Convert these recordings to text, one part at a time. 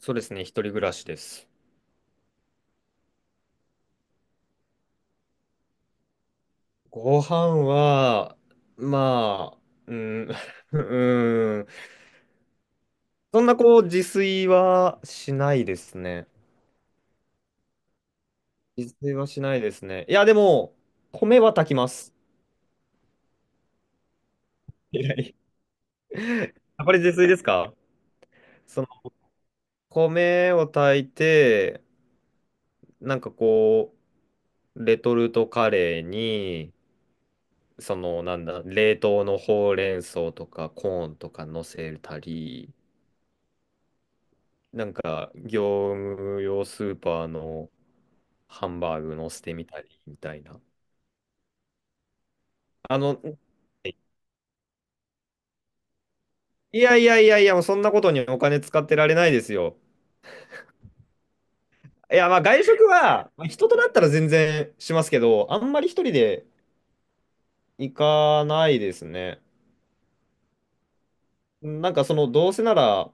そうですね、一人暮らしです。ご飯は、まあ、うん、うん、そんなこう、自炊はしないですね。自炊はしないですね。いや、でも、米は炊きます。えらい。 やっぱり自炊ですか？その、米を炊いて、なんかこレトルトカレーに、その、なんだ、冷凍のほうれん草とかコーンとか乗せたり、なんか、業務用スーパーのハンバーグ乗せてみたりみたいな。あの、いやいやいやいや、もうそんなことにお金使ってられないですよ。いや、まあ外食は、まあ人となったら全然しますけど、あんまり一人で行かないですね。なんかその、どうせなら、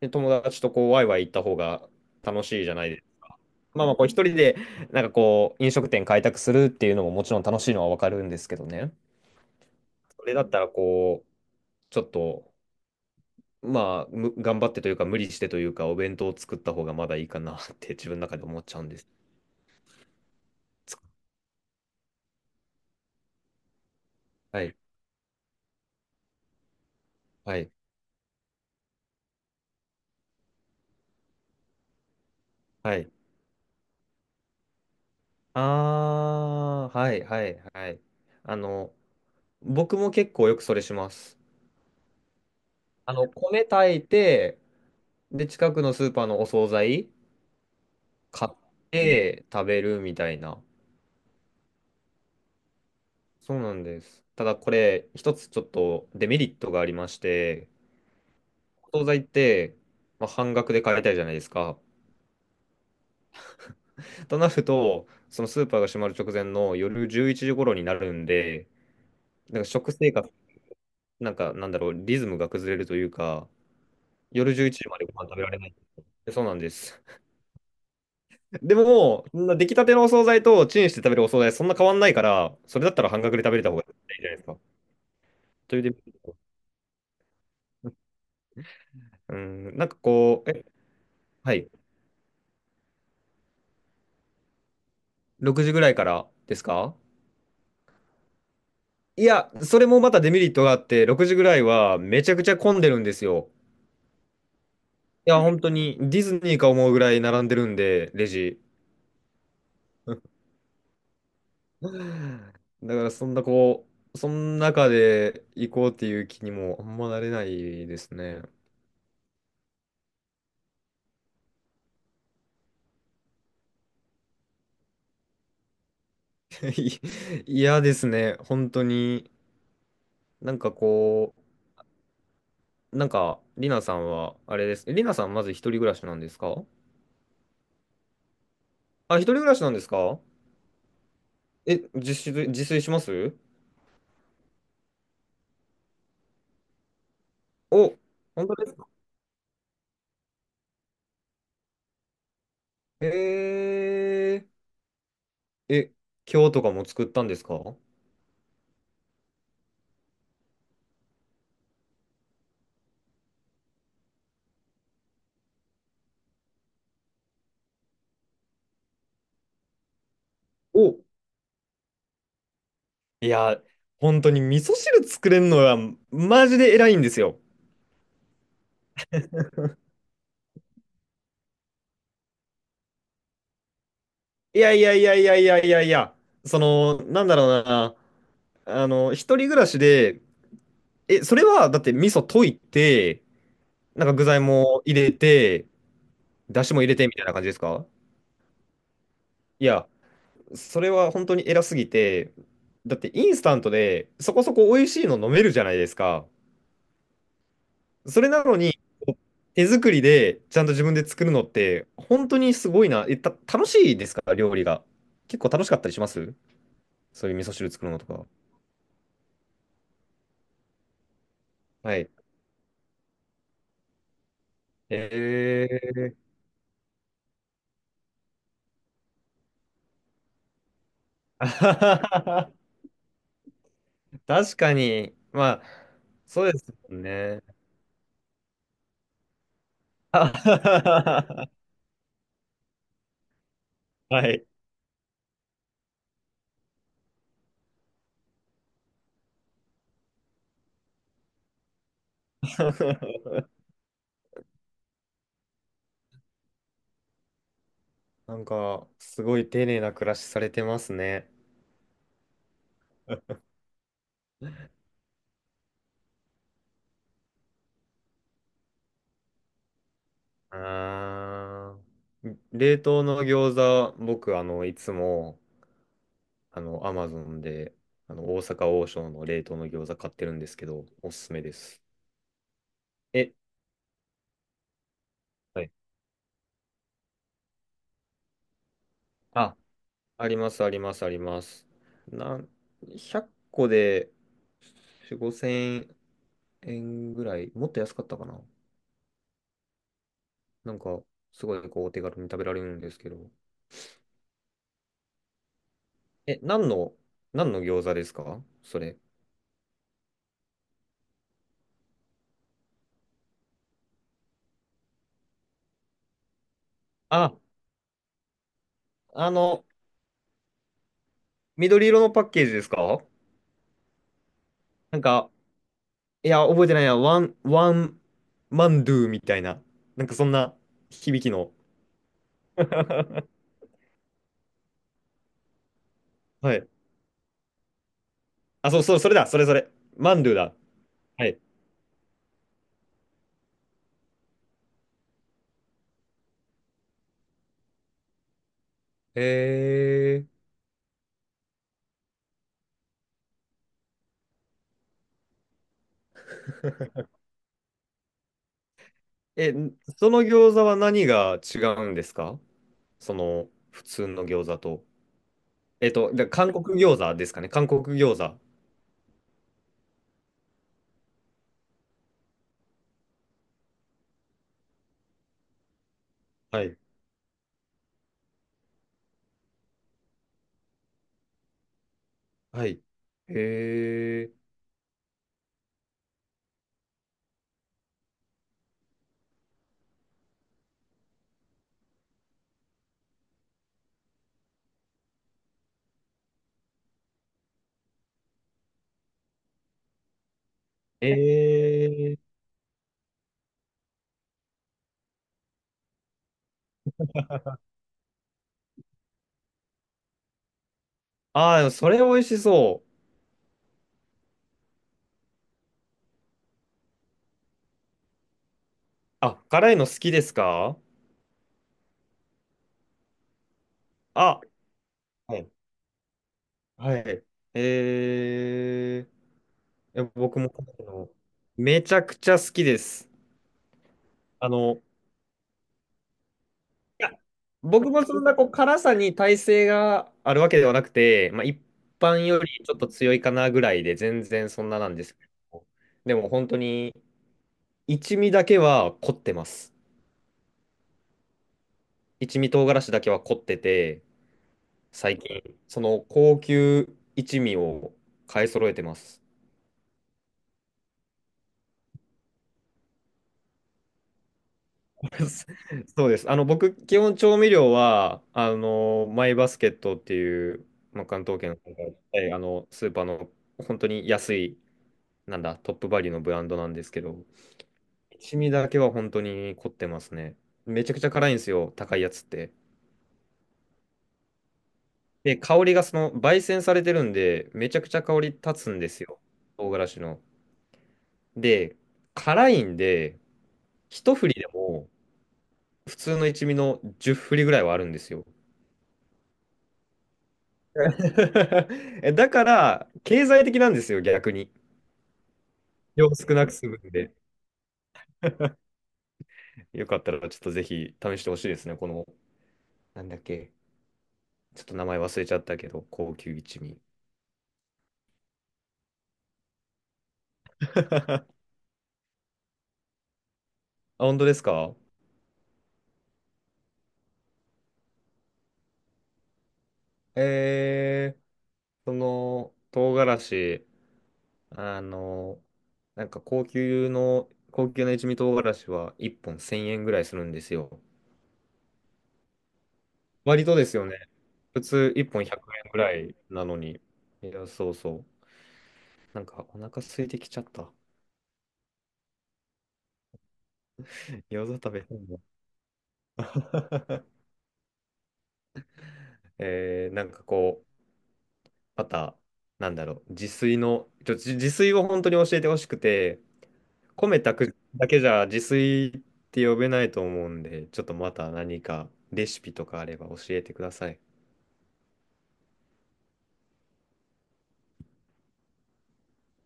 ね、友達とワイワイ行った方が楽しいじゃないですか。まあまあ、こう一人で、飲食店開拓するっていうのももちろん楽しいのはわかるんですけどね。それだったらちょっと、まあ、頑張ってというか、無理してというか、お弁当を作った方がまだいいかなって 自分の中で思っちゃうんです。つはい、はい、はい。あー、はい、はい、はい。あの、僕も結構よくそれします。米炊いて、で、近くのスーパーのお惣菜買って食べるみたいな。そうなんです。ただこれ、一つちょっとデメリットがありまして、お惣菜って、まあ、半額で買えたいじゃないですか。となると、そのスーパーが閉まる直前の夜11時頃になるんで、なんか食生活、なんかなんだろう、リズムが崩れるというか、夜11時までご飯食べられない。そうなんです。でも、そんな出来たてのお惣菜とチンして食べるお惣菜、そんな変わんないから、それだったら半額で食べれた方がいいじゃないですか。というで、うん、はい、6時ぐらいからですか？いや、それもまたデメリットがあって、6時ぐらいはめちゃくちゃ混んでるんですよ。いや、本当にディズニーか思うぐらい並んでるんで、レジ。だからそんなこう、その中で行こうっていう気にもあんまなれないですね。い嫌ですね、本当に。なんかこなんか、りなさんは、あれです。りなさんまず一人暮らしなんですか？あ、一人暮らしなんですか？え、自炊します？お、本当ですか？えー、え、今日とかも作ったんですか？お、いや、本当に味噌汁作れるのはマジで偉いんですよ。いやいやいやいやいやいやいや、その、なんだろうな、あの、一人暮らしで、それは、だって味噌溶いて、なんか具材も入れて、だしも入れてみたいな感じですか？いや、それは本当に偉すぎて、だってインスタントでそこそこ美味しいの飲めるじゃないですか。それなのに、こう手作りでちゃんと自分で作るのって、本当にすごいな。楽しいですか料理が。結構楽しかったりします？そういう味噌汁作るのとか。はい。ええ、あははは。 確かに。まあ、そうですもんね。あはははは、い。なんか、すごい丁寧な暮らしされてますね。あー、冷凍の餃子、僕、いつも、アマゾンで、大阪王将の冷凍の餃子買ってるんですけど、おすすめです。え、はい。ああります、あります、あります。なん、100個で4、5000円ぐらい、もっと安かったかな。なんか、すごいお手軽に食べられるんですけど。え、何の餃子ですかそれ？あ、あの、緑色のパッケージですか？なんか、いや、覚えてないや、ワン、ワン、マンドゥみたいな、なんかそんな響きの。はい。あ、そう、そう、それだ、それ、それ。マンドゥだ。はい。へえ。え、その餃子は何が違うんですかその普通の餃子と？で、韓国餃子ですかね？韓国餃子。はい。はい。へえ。えー。ああ、でもそれ美味しそう。あ、辛いの好きですか？あ、はい。はい。え僕も辛いのめちゃくちゃ好きです。あの、や僕もそんな辛さに耐性があるわけではなくて、まあ、一般よりちょっと強いかなぐらいで全然そんななんですけど、でも本当に一味だけは凝ってます。一味唐辛子だけは凝ってて、最近その高級一味を買い揃えてます。そうです。僕基本調味料はマイバスケットっていう、まあ、関東圏の、スーパーの本当に安いなんだ、トップバリューのブランドなんですけど、一味だけは本当に凝ってますね。めちゃくちゃ辛いんですよ、高いやつって。で、香りが焙煎されてるんで、めちゃくちゃ香り立つんですよ、唐辛子の。で、辛いんで、一振りでも、普通の一味の10振りぐらいはあるんですよ。だから、経済的なんですよ、逆に。量少なく済むんで。よかったら、ちょっとぜひ試してほしいですね、この、なんだっけ、ちょっと名前忘れちゃったけど、高級一味。あ、本当ですか？えー、唐辛子、あの、なんか高級な一味唐辛子は1本1000円ぐらいするんですよ。割とですよね。普通1本100円ぐらいなのに。いや、そうそう。なんかお腹空いてきちゃった。餃子食べたいな。 えー、また、なんだろう、自炊の、ちょ、自自炊を本当に教えてほしくて、米炊くだけじゃ自炊って呼べないと思うんで、ちょっとまた何かレシピとかあれば教えてください。